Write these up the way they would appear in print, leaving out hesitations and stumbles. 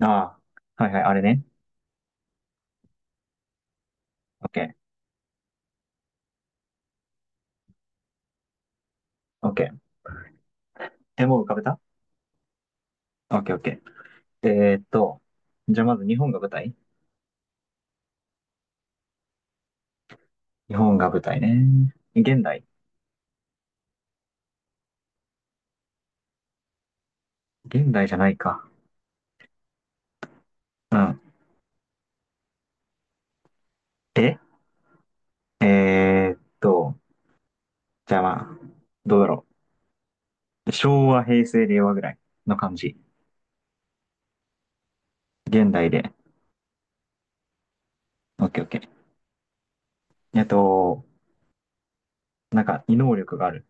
ああ、はいはい、あれね。オッケー、オッケー。え、もう浮かべた？オッケー、オッケー。じゃあまず日本が舞台？日本が舞台ね。現代？現代じゃないか。うん。ええーっと、じゃあまあ、どうだろう。昭和、平成、令和ぐらいの感じ。現代で。オッケー、オッケー。えっと、なんか、異能力がある。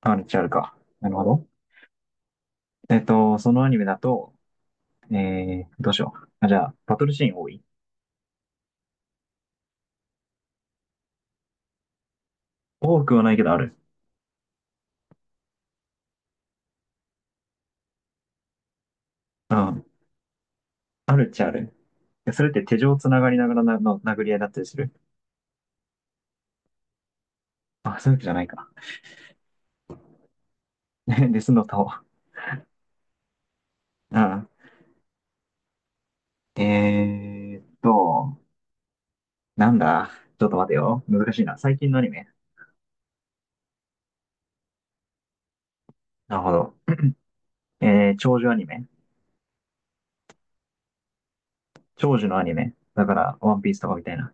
あるっちゃあるか。なるほど。そのアニメだと、どうしよう。あ、じゃあ、バトルシーン多い？多くはないけどある。うん。あるっちゃある。やそれって手錠つながりながらなの殴り合いだったりする？あ、そういうわけじゃないか。で、スノタを。うん。えーっと、なんだ。ちょっと待てよ。難しいな。最近のアニメ。なるほど。えー、長寿アニメ。長寿のアニメ。だから、ワンピースとかみたいな。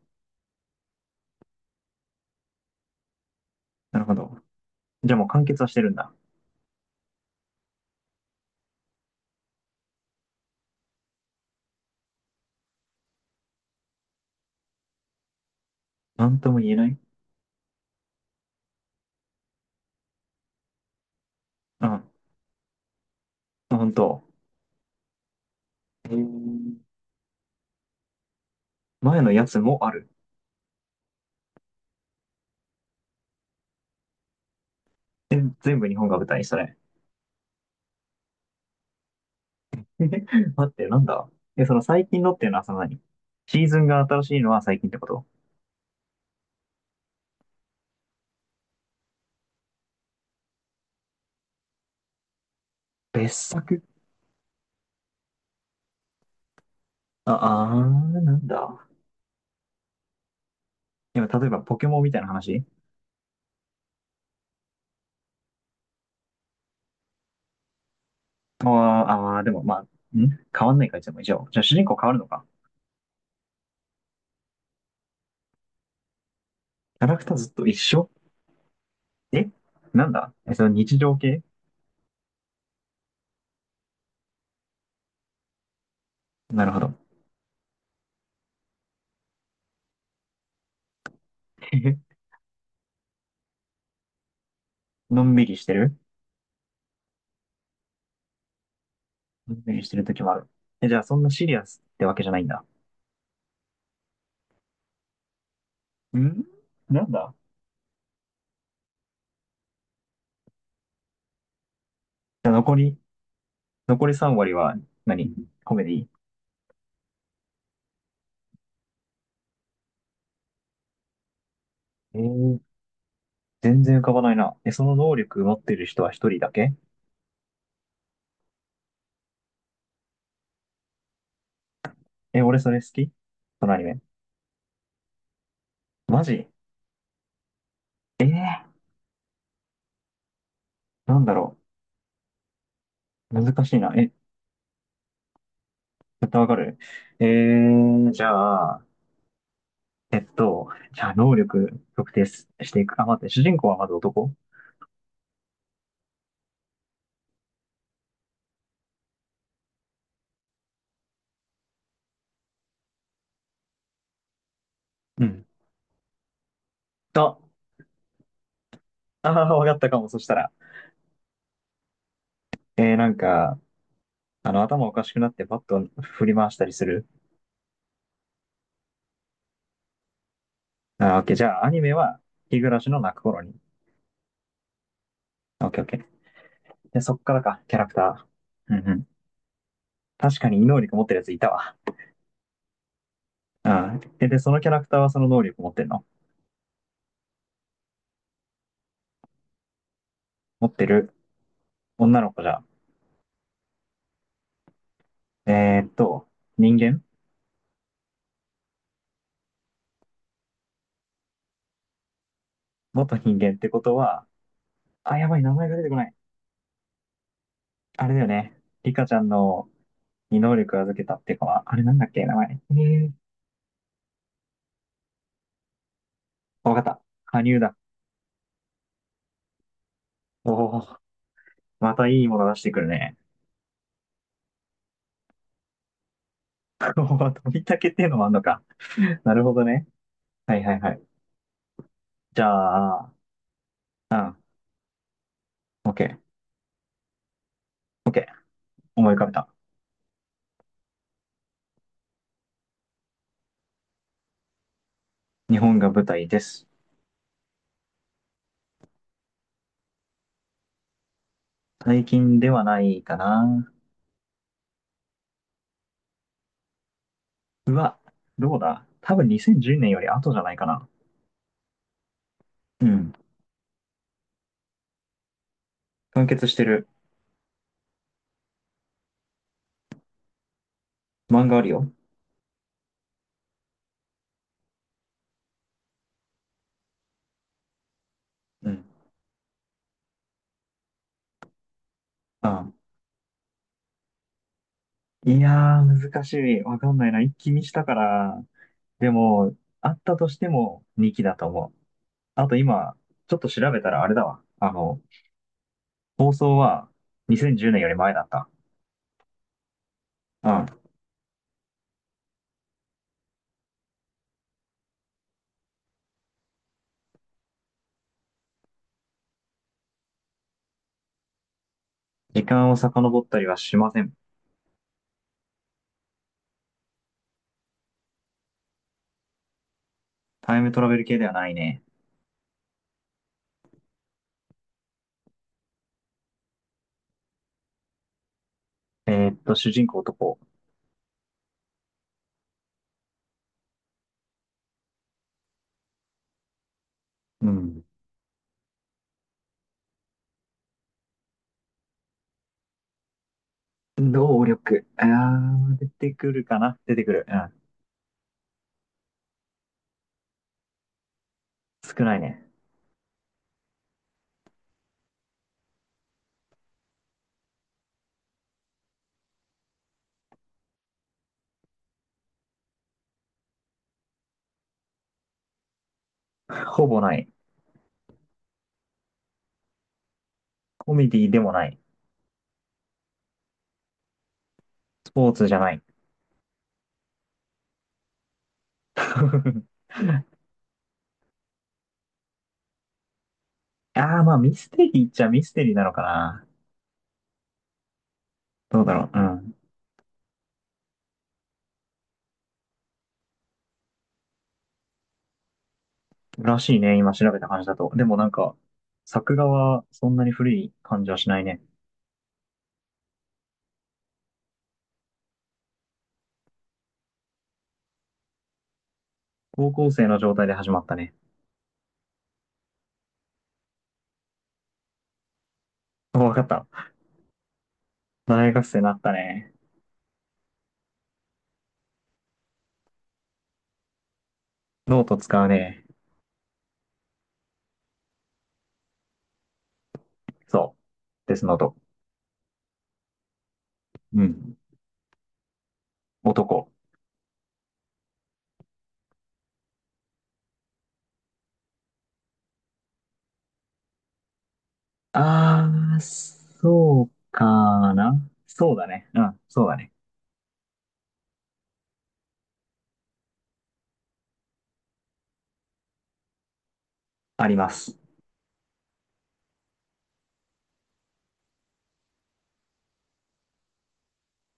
なるほど。じゃあもう完結はしてるんだ。なんとも言えない。うん。ほ本当。えー前のやつもある。え全部日本が舞台、それ？待って、なんだ。え、その最近のっていうのはその何？シーズンが新しいのは最近ってこと？別作。あ、あー、なんだ。今、例えばポケモンみたいな話？ああーあー、でもまあ、ん変わんないか、いつも以上。じゃじゃあ主人公変わるのか。キャラクターずっと一緒？え、なんだ？え、その日常系？なるほど。へへ、のんびりしてる？のんびりしてる時もある。え、じゃあ、そんなシリアスってわけじゃないんだ。ん、なんだ。じゃあ、残り、残り3割は何？コメディ？えー、全然浮かばないな。え、その能力持ってる人は一人だけ？え、俺それ好き、そのアニメ。マジ？えー、なんだろう。難しいな。え、絶対わかる。えー、じゃあ、えっと、じゃあ、能力特定すしていく。あ、待って、主人公はまず男？うん。と、あ、あわかったかも。そしたら。なんか、あの、頭おかしくなってバットを振り回したりする。あー、オッケー。じゃあ、アニメは、日暮らしの泣く頃に。オッケー、オッケー。で、そっからか、キャラクター。うんうん。確かに異能力持ってるやついたわ。うん。え、で、そのキャラクターはその能力持ってるの？持ってる、女の子じゃん。えーっと、人間？元人間ってことは、あ、やばい、名前が出てこない。あれだよね。リカちゃんのに能力預けたっていうかは、あれなんだっけ、名前。えー、わかった。羽生だ。おお、またいいもの出してくるね。おー飛びたけっていうのもあんのか。なるほどね。はいはいはい。じゃあ、うん、オッケー、オッケー。思い浮かべた。日本が舞台です。最近ではないかな。うわ、どうだ多分2010年より後じゃないかな。うん。完結してる。漫画あるよ。うん。あ、いやー、難しい。わかんないな。一気にしたから。でも、あったとしても2期だと思う。あと今、ちょっと調べたらあれだわ。あの、放送は2010年より前だった。うん。時間を遡ったりはしません。タイムトラベル系ではないね。主人公男。うん。能力。あー、出てくるかな出てくる。うん。少ないね。ほぼない。コメディでもない。スポーツじゃない。あー、まあミステリーっちゃミステリーなのかな。どうだろう。うん。らしいね。今調べた感じだと。でもなんか、作画はそんなに古い感じはしないね。高校生の状態で始まったね。おわかった。大学生になったね。ノート使うね。そう。デスノート。うん。男。あー、そうかな。そうだね。うん、そうだね。あります。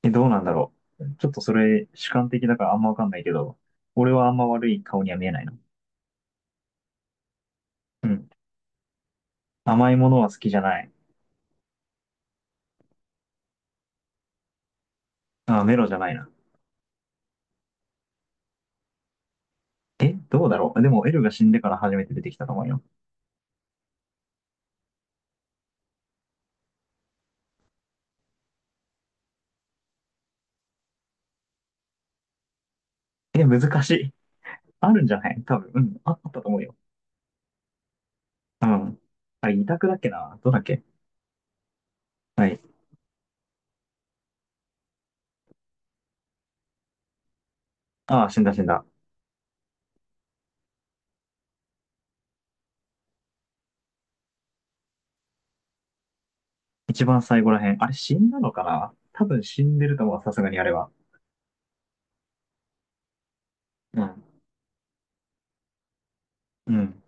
え、どうなんだろう。ちょっとそれ、主観的だからあんまわかんないけど、俺はあんま悪い顔には見えないな。うん。甘いものは好きじゃない。あ、メロじゃないな。え、どうだろう。でも、エルが死んでから初めて出てきたと思うよ。え、難しい。あるんじゃない多分。うん。ああったと思うよ。うん。あれ、委託だっけなどうだっけ？はい。ああ、死んだ死んだ。一番最後らへん。あれ、死んだのかな多分死んでると思う。さすがにあれは。うん。うん。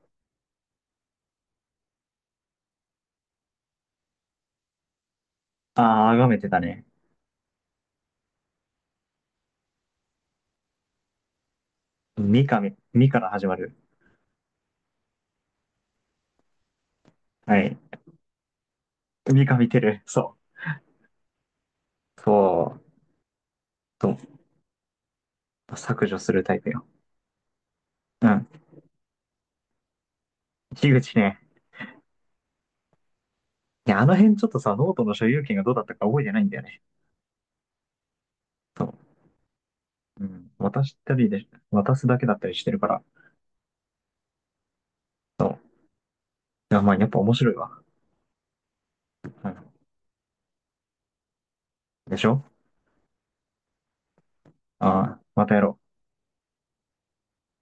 ああ、あがめてたね。三かみ、みから始まる。はい。三か見てる。そう。そう。そう削除するタイプよ。うん。樋口ね。いや、あの辺ちょっとさ、ノートの所有権がどうだったか覚えてないんだよね。そう。うん。渡したりで、渡すだけだったりしてるから。そう。いや、まあ、やっぱ面白いわ。うん。でしょ？ああ、またやろう。